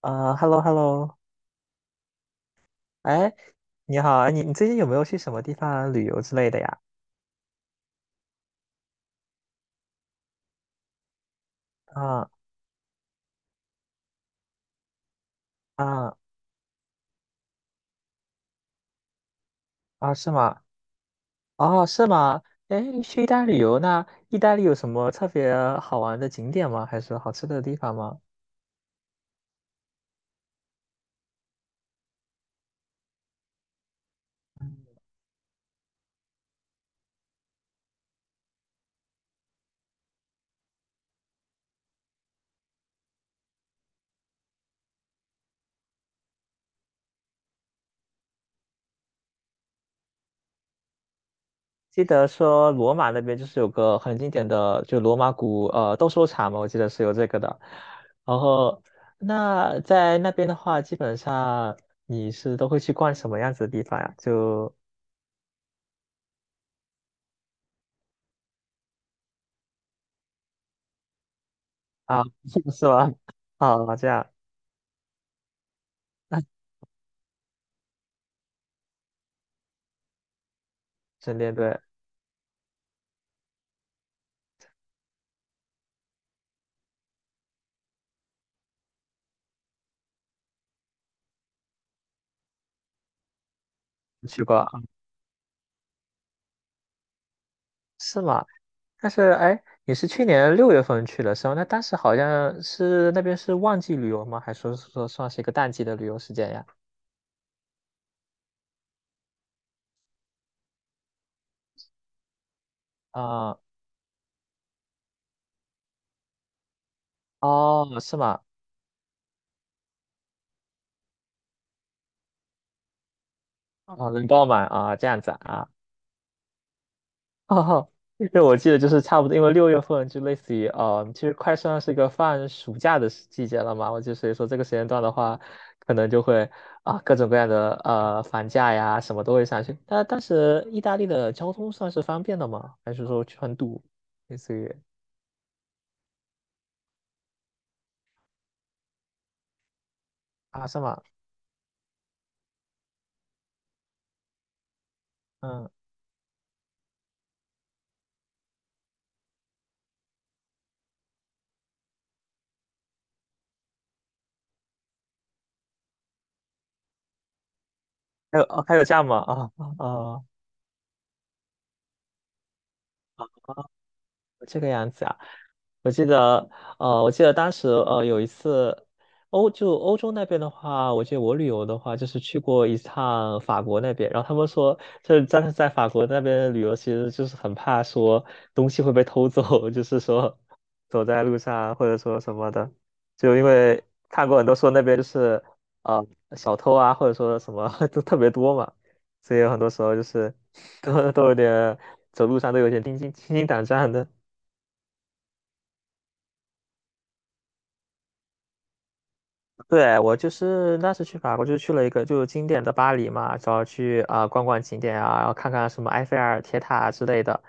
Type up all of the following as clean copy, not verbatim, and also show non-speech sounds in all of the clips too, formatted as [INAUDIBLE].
啊，hello hello，哎，你好，哎，你最近有没有去什么地方旅游之类的呀？啊啊啊，是吗？哦，是吗？哎，你去意大利旅游，那意大利有什么特别好玩的景点吗？还是好吃的地方吗？记得说罗马那边就是有个很经典的，就罗马古斗兽场嘛，我记得是有这个的。然后那在那边的话，基本上你是都会去逛什么样子的地方呀？就啊，[LAUGHS] 是吧？[LAUGHS] 啊，这样。那神殿对你去过啊是吗？但是哎，你是去年六月份去的时候，那当时好像是那边是旺季旅游吗？还是说算是一个淡季的旅游时间呀？啊、哦，是吗？啊、人爆满啊，这样子啊，哦，对，我记得就是差不多，因为六月份就类似于，其实快算是一个放暑假的时季节了嘛。我就所以说这个时间段的话，可能就会啊、各种各样的房价呀什么都会上去。那当时意大利的交通算是方便的吗？还是说去很堵？类似于啊是吗？嗯，还有哦还有这样吗？啊啊、哦这个样子啊。我记得，我记得当时，有一次，就欧洲那边的话，我记得我旅游的话，就是去过一趟法国那边，然后他们说，就是在法国那边旅游，其实就是很怕说东西会被偷走，[LAUGHS] 就是说走在路上或者说什么的，就因为看过很多说那边就是呃小偷啊，或者说什么 [LAUGHS] 都特别多嘛，所以有很多时候就是 [LAUGHS] 都有点走路上都有点心惊胆战的。对，我就是那次去法国，就去了一个就是经典的巴黎嘛，主要去啊、逛逛景点啊，然后看看什么埃菲尔铁塔啊之类的，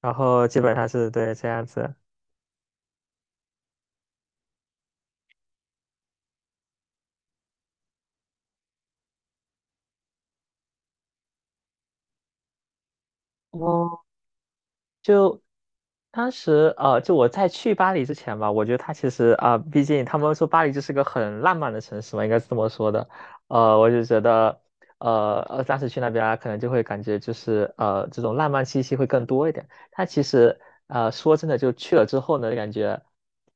然后基本上是对这样子。当时就我在去巴黎之前吧，我觉得它其实啊、毕竟他们说巴黎就是个很浪漫的城市嘛，应该是这么说的。我就觉得，当时去那边啊，可能就会感觉就是这种浪漫气息会更多一点。它其实说真的，就去了之后呢，感觉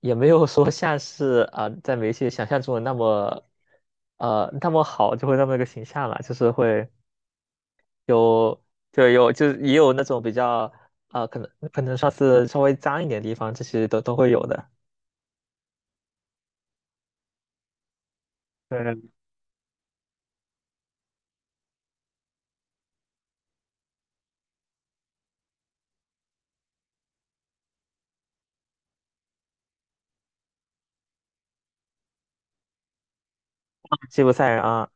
也没有说像是啊、在媒体想象中的那么那么好，就会那么一个形象了，就是会。有，就有，就是也有那种比较啊、可能上次稍微脏一点的地方，这些都会有的。对，吉普赛人啊，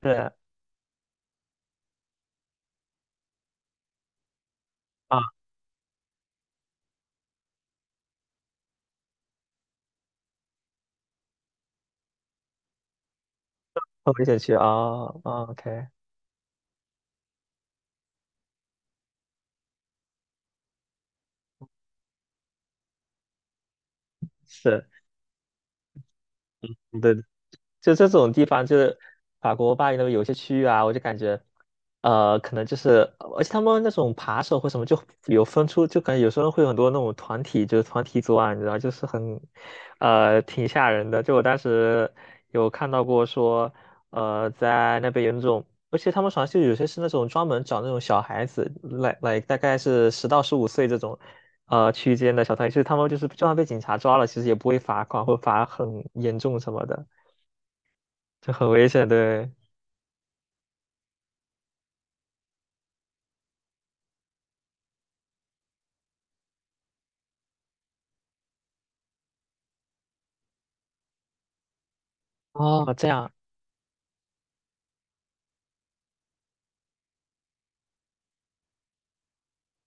对啊，后面选区啊，OK，是，对就这种地方，就是法国巴黎那边有些区域啊，我就感觉，可能就是，而且他们那种扒手或什么就有分出，就感觉有时候会有很多那种团体，就是团体作案，你知道，就是很，挺吓人的。就我当时有看到过说，在那边有那种，而且他们好像就有些是那种专门找那种小孩子，来大概是10到15岁这种。区间的小团体，就是他们就是就算被警察抓了，其实也不会罚款或罚很严重什么的。就很危险，对。哦，哦这样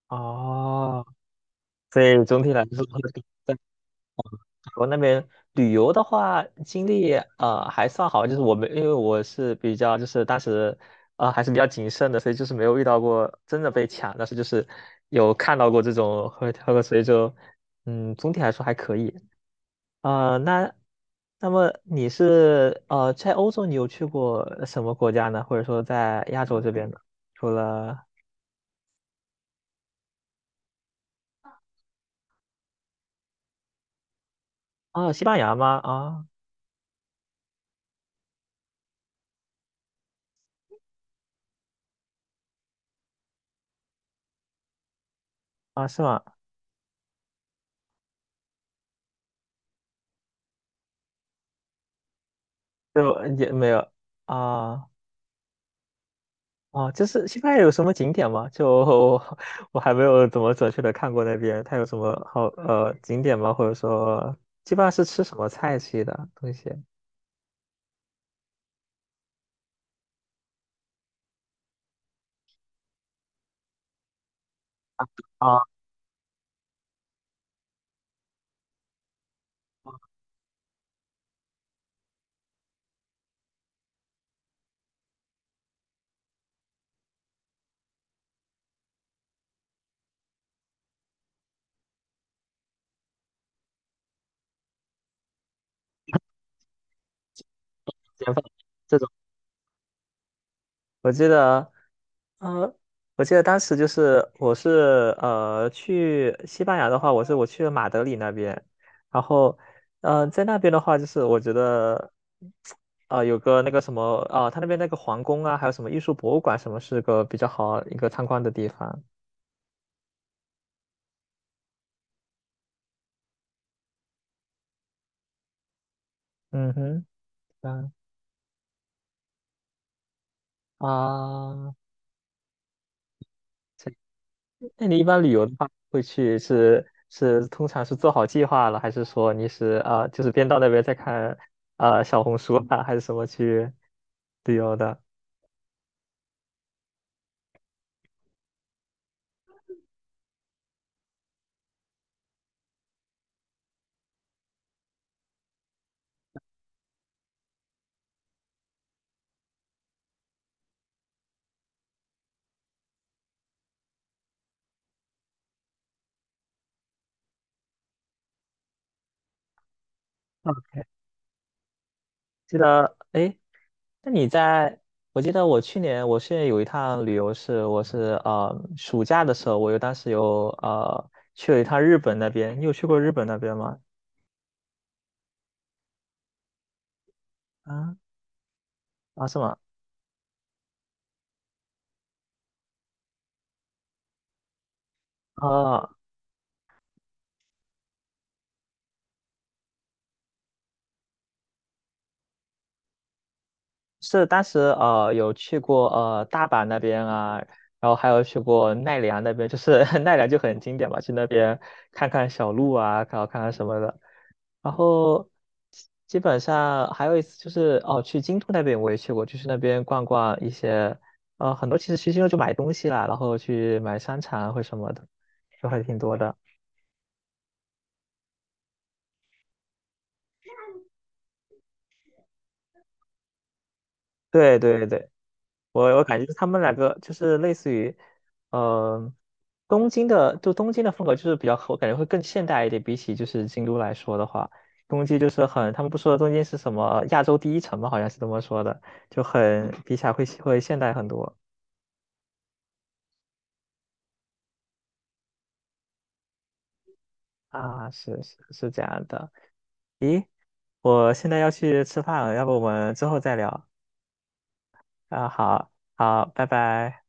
哦，所以总体来说，在美国那边旅游的话，经历还算好，就是我们因为我是比较就是当时还是比较谨慎的，所以就是没有遇到过真的被抢，但是就是有看到过这种喝喝个水就总体来说还可以。呃，那那么你是在欧洲你有去过什么国家呢？或者说在亚洲这边呢？除了啊、西班牙吗？啊、啊，是吗？就也没有啊啊，就是西班牙有什么景点吗？就 [LAUGHS] 我还没有怎么准确的看过那边，它有什么好景点吗？或者说基本上是吃什么菜系的东西啊？简饭这种，我记得。呃，我记得当时就是我是去西班牙的话，我去了马德里那边，然后在那边的话，就是我觉得啊有个那个什么啊、他那边那个皇宫啊，还有什么艺术博物馆什么，是个比较好一个参观的地方。嗯哼，嗯啊，啊那你一般旅游的话，会去是通常是做好计划了，还是说你是啊、就是边到那边再看啊、小红书啊，还是什么去旅游的？啊，记得，哎，那你在，我记得我去年有一趟旅游是，我是暑假的时候，我有当时有去了一趟日本那边，你有去过日本那边吗？啊啊是吗？啊，是当时有去过大阪那边啊，然后还有去过奈良那边，就是 [LAUGHS] 奈良就很经典嘛，去那边看看小鹿啊，然后看看什么的。然后基本上还有一次就是哦，去京都那边我也去过，就是那边逛逛一些，很多其实去京都就买东西啦，然后去买商场啊或什么的，就还挺多的。对对对，我感觉他们两个就是类似于，呃，东京的风格就是比较，我感觉会更现代一点，比起就是京都来说的话，东京就是很，他们不说东京是什么亚洲第一城嘛，好像是这么说的，就很比起来会现代很多。啊，是是是这样的。咦，我现在要去吃饭了，要不我们之后再聊？啊，好，好，拜拜。